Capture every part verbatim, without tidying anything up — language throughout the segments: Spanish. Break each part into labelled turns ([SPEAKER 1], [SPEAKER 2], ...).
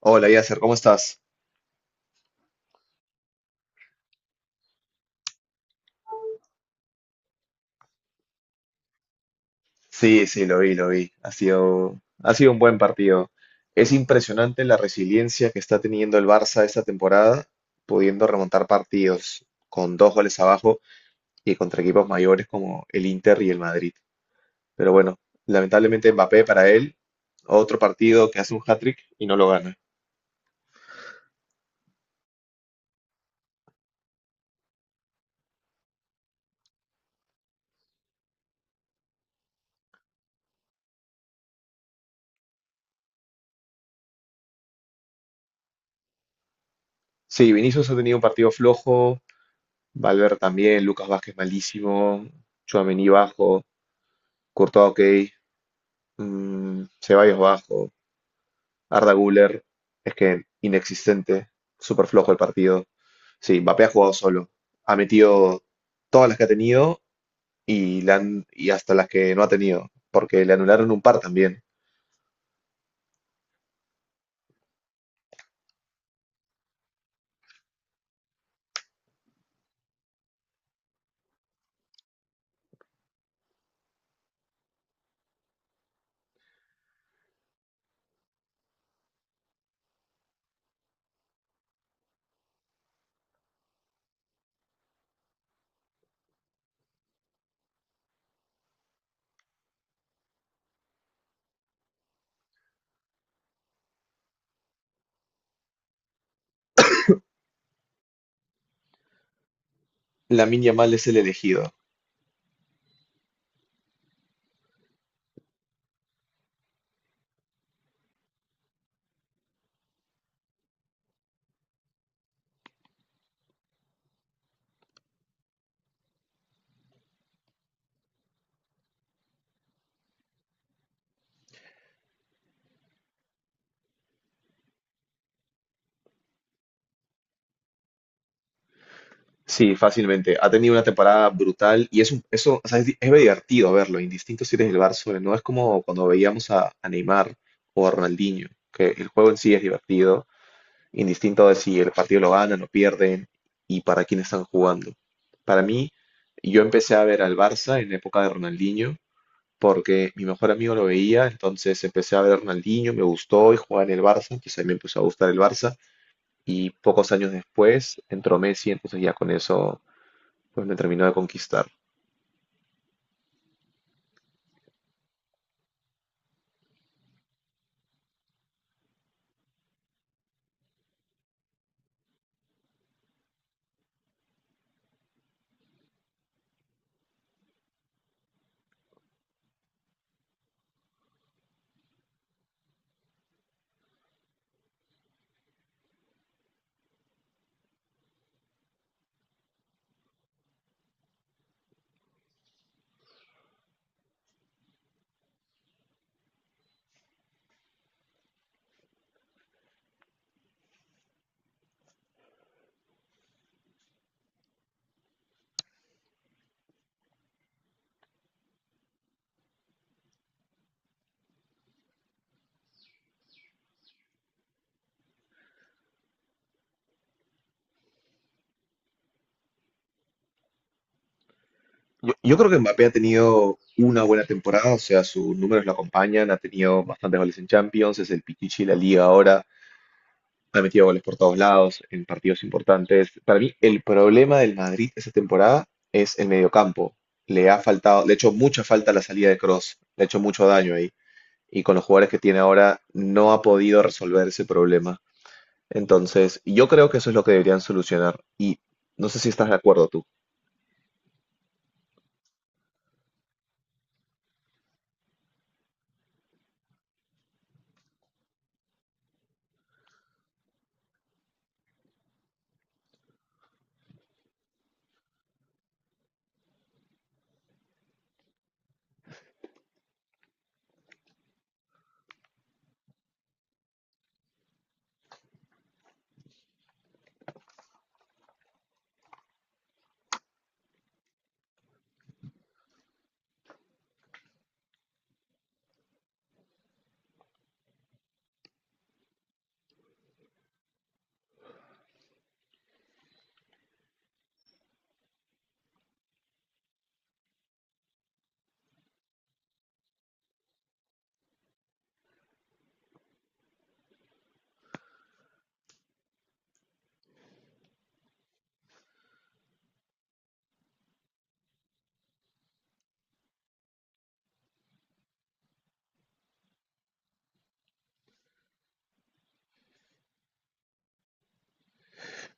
[SPEAKER 1] Hola, Yasser, ¿cómo estás? Sí, sí, lo vi, lo vi. Ha sido, ha sido un buen partido. Es impresionante la resiliencia que está teniendo el Barça esta temporada, pudiendo remontar partidos con dos goles abajo y contra equipos mayores como el Inter y el Madrid. Pero bueno, lamentablemente Mbappé para él, otro partido que hace un hat-trick y no lo gana. Sí, Vinicius ha tenido un partido flojo, Valverde también, Lucas Vázquez malísimo, Tchouaméni bajo, Courtois ok, mm, Ceballos bajo. Arda Güler es que inexistente, súper flojo el partido. Sí, Mbappé ha jugado solo. Ha metido todas las que ha tenido y, le han- y hasta las que no ha tenido, porque le anularon un par también. Lamine Yamal es el elegido. Sí, fácilmente. Ha tenido una temporada brutal y es un, eso, o sea, es, di- es divertido verlo, indistinto si eres del Barça, o no es como cuando veíamos a, a Neymar o a Ronaldinho, que el juego en sí es divertido indistinto de si el partido lo ganan o pierden y para quién están jugando. Para mí, yo empecé a ver al Barça en la época de Ronaldinho porque mi mejor amigo lo veía, entonces empecé a ver a Ronaldinho, me gustó y jugaba en el Barça, entonces a mí me empezó a gustar el Barça y pocos años después entró Messi, entonces ya con eso pues me terminó de conquistar. Yo, yo creo que Mbappé ha tenido una buena temporada, o sea, sus números lo acompañan, ha tenido bastantes goles en Champions, es el pichichi de la liga ahora. Ha metido goles por todos lados, en partidos importantes. Para mí, el problema del Madrid esta temporada es el mediocampo. Le ha faltado, le ha hecho mucha falta la salida de Cross, le ha hecho mucho daño ahí. Y con los jugadores que tiene ahora, no ha podido resolver ese problema. Entonces, yo creo que eso es lo que deberían solucionar. Y no sé si estás de acuerdo tú.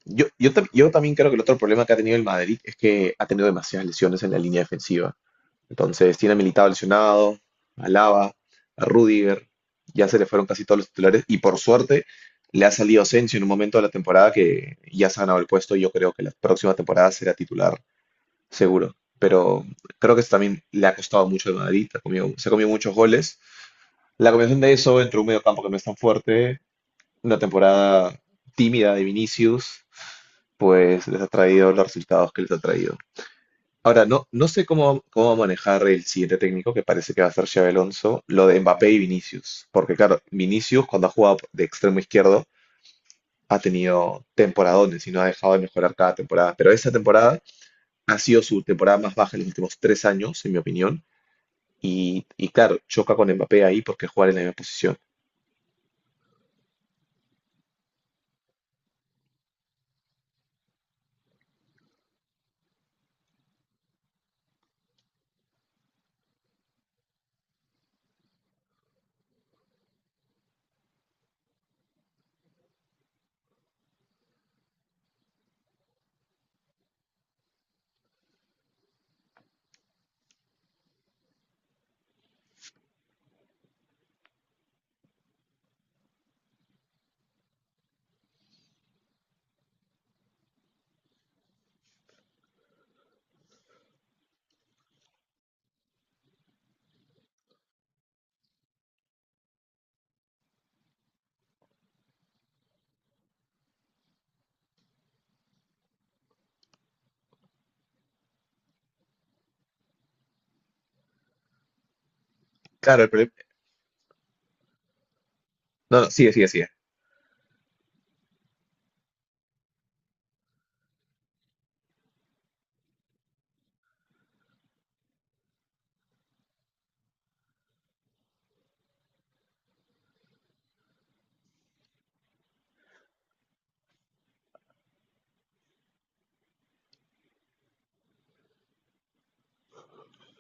[SPEAKER 1] Yo, yo, tam- yo también creo que el otro problema que ha tenido el Madrid es que ha tenido demasiadas lesiones en la línea defensiva. Entonces tiene a Militao lesionado, a Alaba, a Rudiger, ya se le fueron casi todos los titulares y por suerte le ha salido Asensio en un momento de la temporada que ya se ha ganado el puesto y yo creo que la próxima temporada será titular seguro. Pero creo que eso también le ha costado mucho de Madrid, ha comido- se ha comido muchos goles. La combinación de eso entre un medio campo que no es tan fuerte, una temporada tímida de Vinicius, pues les ha traído los resultados que les ha traído. Ahora, no, no sé cómo, cómo va a manejar el siguiente técnico, que parece que va a ser Xabi Alonso, lo de Mbappé y Vinicius. Porque claro, Vinicius cuando ha jugado de extremo izquierdo ha tenido temporadones y no ha dejado de mejorar cada temporada. Pero esa temporada ha sido su temporada más baja en los últimos tres años, en mi opinión. Y, y claro, choca con Mbappé ahí porque jugar en la misma posición. Claro, el problema. No, no, sigue, sigue, sigue.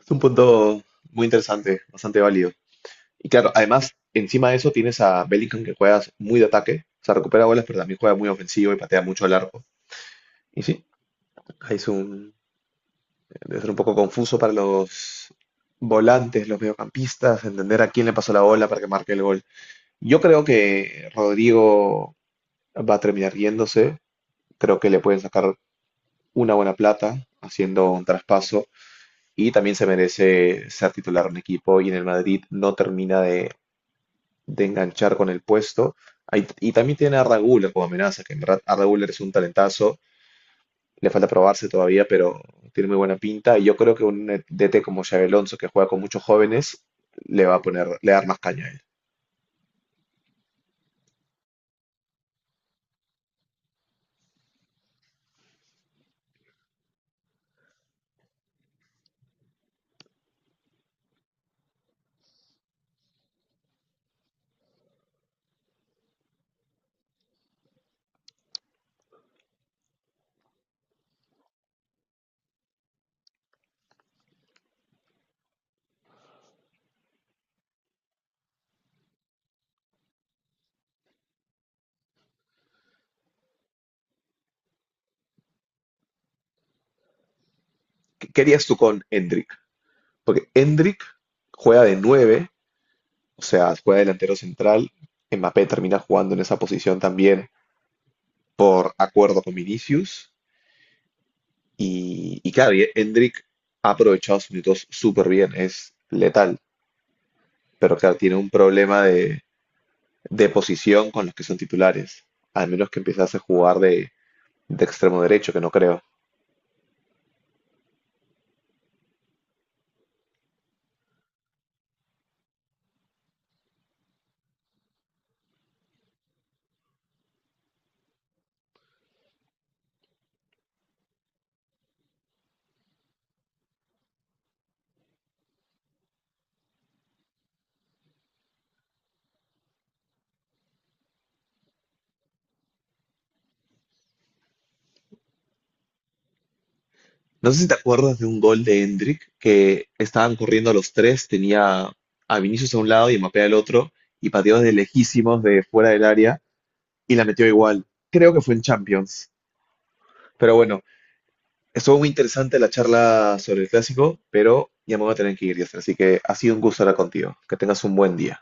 [SPEAKER 1] Es un punto muy interesante, bastante válido. Y claro, además, encima de eso tienes a Bellingham que juega muy de ataque, o sea, recupera bolas, pero también juega muy ofensivo y patea mucho largo. Y sí, ahí es un, debe ser un poco confuso para los volantes, los mediocampistas, entender a quién le pasó la bola para que marque el gol. Yo creo que Rodrigo va a terminar yéndose, creo que le pueden sacar una buena plata haciendo un traspaso y también se merece ser titular en un equipo y en el Madrid no termina de de enganchar con el puesto. Ahí- y también tiene a Raguler como amenaza, que en verdad Arda Güler es un talentazo, le falta probarse todavía, pero tiene muy buena pinta. Y yo creo que un D T como Xabi Alonso, que juega con muchos jóvenes, le va a poner, le va a dar más caña a él. ¿Qué querías tú con Endrick? Porque Endrick juega de nueve, o sea, juega delantero central. Mbappé termina jugando en esa posición también por acuerdo con Vinicius. Y, y claro, y Endrick ha aprovechado sus minutos súper bien, es letal. Pero claro, tiene un problema de, de posición con los que son titulares. Al menos que empezase a jugar de, de extremo derecho, que no creo. No sé si te acuerdas de un gol de Endrick que estaban corriendo los tres, tenía a Vinicius a un lado y a Mbappé al otro, y pateó de lejísimos de fuera del área y la metió igual. Creo que fue en Champions. Pero bueno, estuvo muy interesante la charla sobre el clásico, pero ya me voy a tener que ir, Yasser, así que ha sido un gusto hablar contigo. Que tengas un buen día.